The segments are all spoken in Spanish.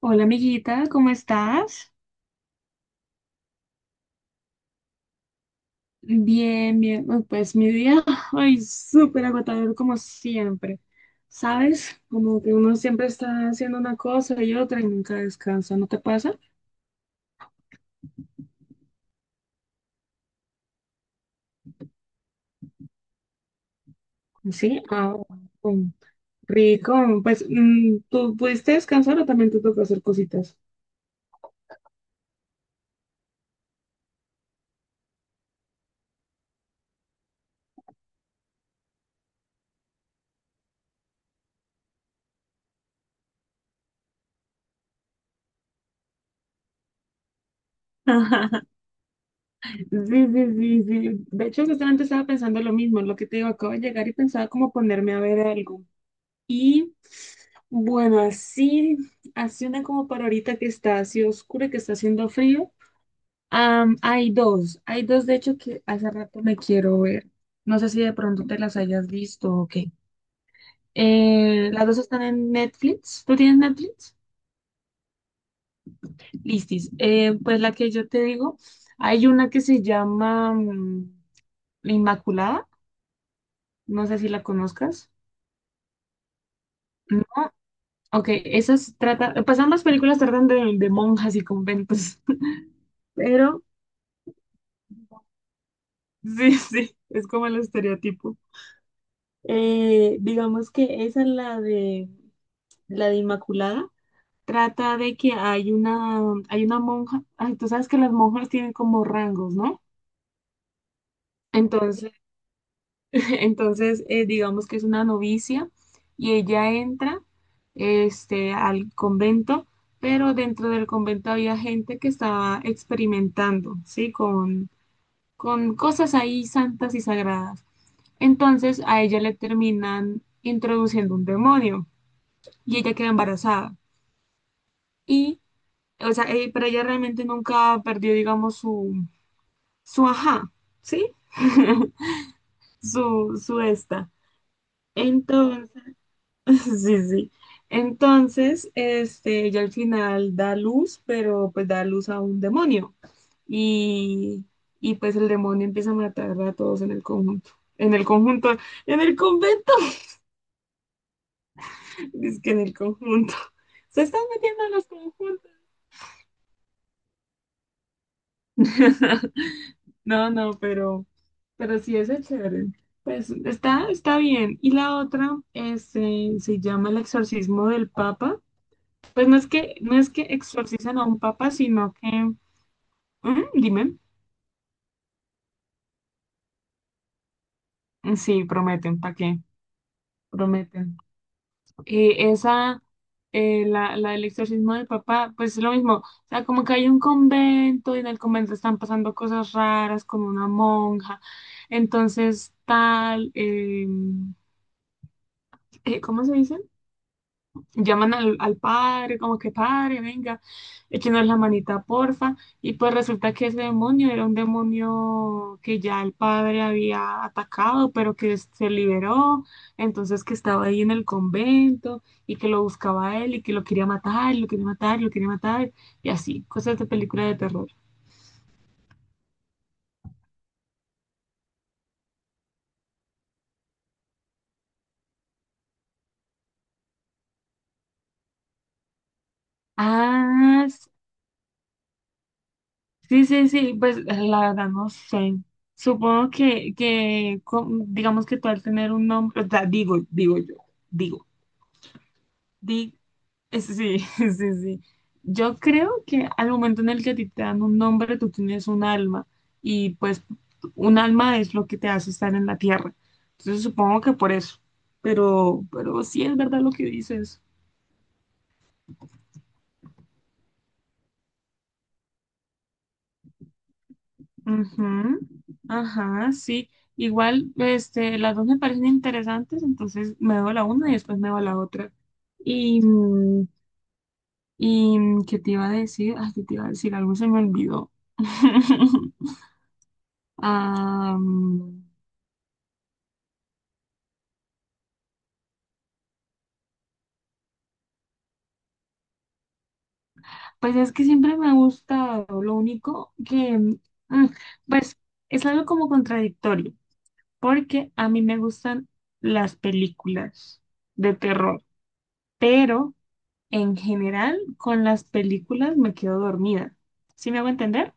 Hola amiguita, ¿cómo estás? Bien, bien. Uy, pues mi día, ay, súper agotador como siempre. ¿Sabes? Como que uno siempre está haciendo una cosa y otra y nunca descansa, ¿no te pasa? Sí, ah, um, rico. Pues, ¿tú pudiste descansar o también te toca hacer cositas? Sí, sí. De hecho, justamente estaba pensando lo mismo, lo que te digo, acabo de llegar y pensaba como ponerme a ver algo. Y bueno, así, así una como para ahorita que está así oscura, que está haciendo frío. Hay dos de hecho que hace rato me quiero ver. No sé si de pronto te las hayas visto o qué. Las dos están en Netflix. ¿Tú tienes Netflix? Listis. Pues la que yo te digo, hay una que se llama La Inmaculada. No sé si la conozcas. No. Ok, esas tratan, pues ambas películas tratan de monjas y conventos. Pero sí, sí, es como el estereotipo. Digamos que esa es la de Inmaculada. Trata de que hay una monja. Ay, tú sabes que las monjas tienen como rangos, ¿no? Entonces, entonces digamos que es una novicia y ella entra este, al convento, pero dentro del convento había gente que estaba experimentando, ¿sí? Con cosas ahí santas y sagradas. Entonces a ella le terminan introduciendo un demonio y ella queda embarazada. Y, o sea, pero ella realmente nunca perdió, digamos, su ajá, ¿sí? Su esta. Entonces, sí, sí. Entonces, este, ella al final da luz, pero pues da luz a un demonio. Y, y pues el demonio empieza a matar a todos en el conjunto. En el conjunto, en el convento. Es que en el conjunto. Se están metiendo en los conjuntos. No, no, pero sí es chévere. Pues está, está bien. Y la otra es, se llama el exorcismo del Papa. Pues no es que, no es que exorcizan a un papa, sino que, ujú, dime, sí, prometen, ¿para qué? Prometen. eh, esa, la, la del exorcismo del papá, pues es lo mismo. O sea, como que hay un convento y en el convento están pasando cosas raras con una monja. Entonces, tal, ¿cómo se dice? Llaman al, al padre, como que padre, venga, échenos la manita, porfa. Y pues resulta que ese demonio era un demonio que ya el padre había atacado, pero que se liberó, entonces que estaba ahí en el convento y que lo buscaba él y que lo quería matar, lo quería matar, lo quería matar, y así, cosas de película de terror. Ah, s- sí, pues la verdad no sé. Supongo que co- digamos que tú al tener un nombre, o sea, digo, digo yo, digo. Di, es- sí, sí, sí. Yo creo que al momento en el que a ti te dan un nombre, tú tienes un alma y pues un alma es lo que te hace estar en la tierra. Entonces supongo que por eso. Pero sí es verdad lo que dices. Ujú. Ajá, sí. Igual, este, las dos me parecen interesantes, entonces me doy la una y después me doy la otra. Y, ¿qué te iba a decir? Ay, ¿qué te iba a decir? Algo se me olvidó. Am, pues es que siempre me ha gustado, lo único que, mm, pues es algo como contradictorio, porque a mí me gustan las películas de terror, pero en general con las películas me quedo dormida. ¿Sí me hago entender?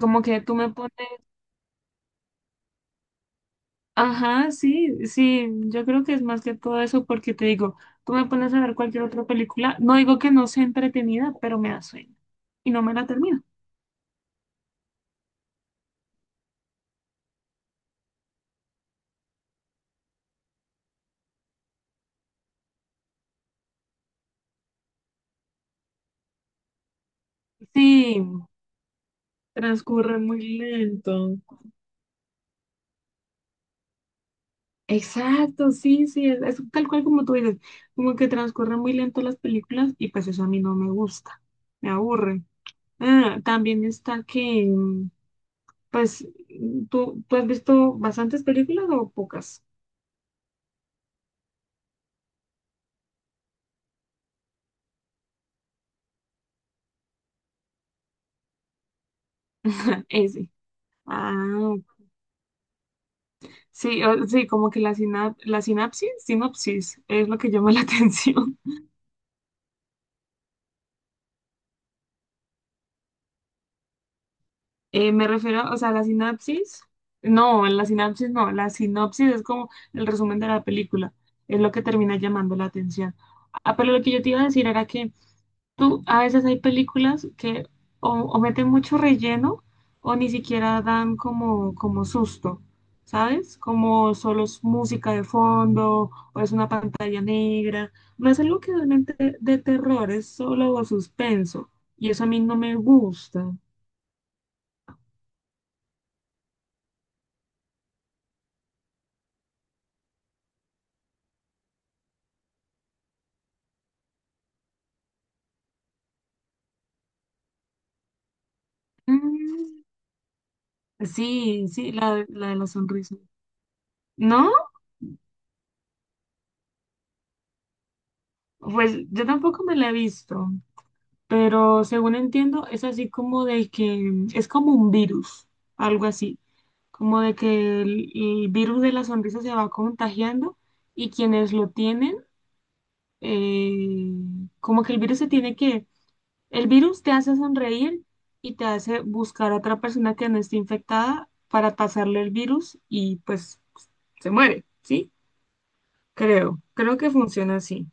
Como que tú me pones, ajá, sí, sí, yo creo que es más que todo eso porque te digo, tú me pones a ver cualquier otra película, no digo que no sea entretenida, pero me da sueño y no me la termino. Sí, transcurre muy lento. Exacto, sí, sí, es tal cual como tú dices, como que transcurren muy lento las películas y pues eso a mí no me gusta, me aburre. Ah, también está que, pues, ¿tú has visto bastantes películas o pocas? Ah, ese. Ah, sí, o- sí, como que la, sina- la sinapsis, sinopsis, es lo que llama la atención. Me refiero, o sea, la sinapsis. No, la sinapsis no. La sinopsis es como el resumen de la película. Es lo que termina llamando la atención. Ah, pero lo que yo te iba a decir era que tú, a veces hay películas que o meten mucho relleno o ni siquiera dan como, como susto, ¿sabes? Como solo es música de fondo o es una pantalla negra. No es algo que realmente de terror, es solo suspenso. Y eso a mí no me gusta. Mm. Sí, sí, la de la sonrisa. ¿No? Pues yo tampoco me la he visto, pero según entiendo es así como de que es como un virus, algo así, como de que el virus de la sonrisa se va contagiando y quienes lo tienen, eh, como que el virus se tiene que, el virus te hace sonreír y te hace buscar a otra persona que no esté infectada para pasarle el virus y pues se muere, ¿sí? Creo, creo que funciona así.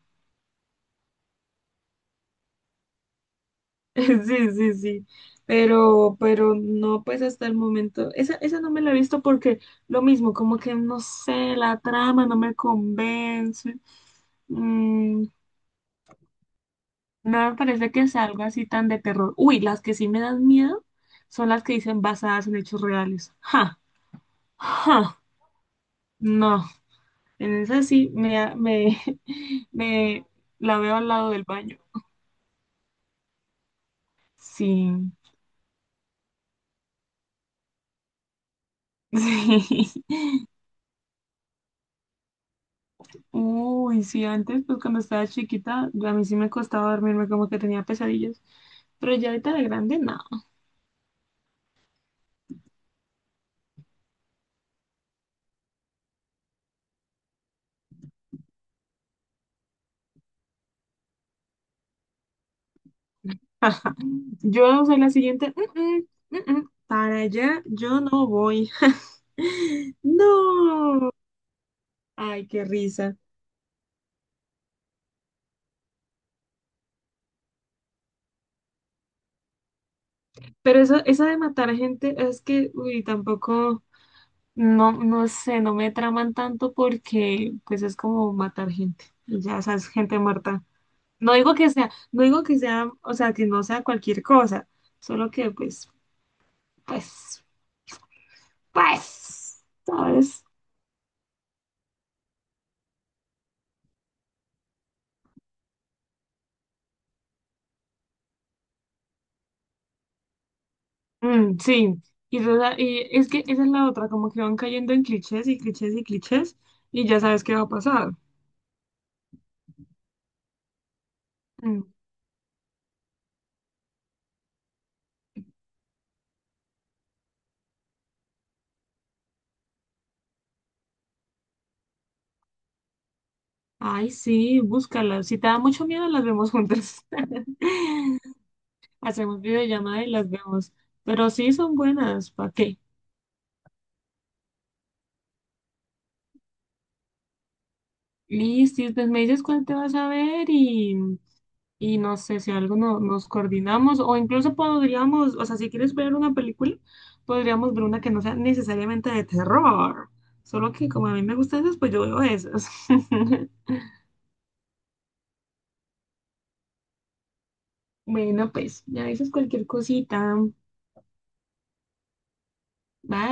Sí, sí, sí. Pero no, pues hasta el momento. Esa no me la he visto porque lo mismo, como que no sé, la trama no me convence. Mm, no me parece que sea algo así tan de terror. Uy, las que sí me dan miedo son las que dicen basadas en hechos reales. Ja, ja, no. En esa sí me, me la veo al lado del baño. Sí, sí. Uy, sí, antes, pues cuando estaba chiquita, a mí sí me costaba dormirme, como que tenía pesadillas. Pero ya ahorita de grande, no. Yo soy la siguiente. "Mm, mm, mm, para allá yo no voy. No. Ay, qué risa. Pero eso de matar gente es que, uy, tampoco, no, no sé, no me traman tanto porque, pues es como matar gente. Y ya, sabes, gente muerta. No digo que sea, no digo que sea, o sea, que no sea cualquier cosa, solo que pues, pues, pues, ¿sabes? Mm, sí, y, esa- y es que esa es la otra, como que van cayendo en clichés y clichés y clichés y ya sabes qué va a pasar. Mm. Ay, sí, búscala. Si te da mucho miedo, las vemos juntas. Hacemos videollamada y las vemos. Pero sí son buenas, ¿para qué? Listo, y pues me dices cuál te vas a ver y. Y no sé si algo no- nos coordinamos o incluso podríamos, o sea, si quieres ver una película, podríamos ver una que no sea necesariamente de terror. Solo que como a mí me gustan esas, pues yo veo esas. Bueno, pues ya dices cualquier cosita. Bye.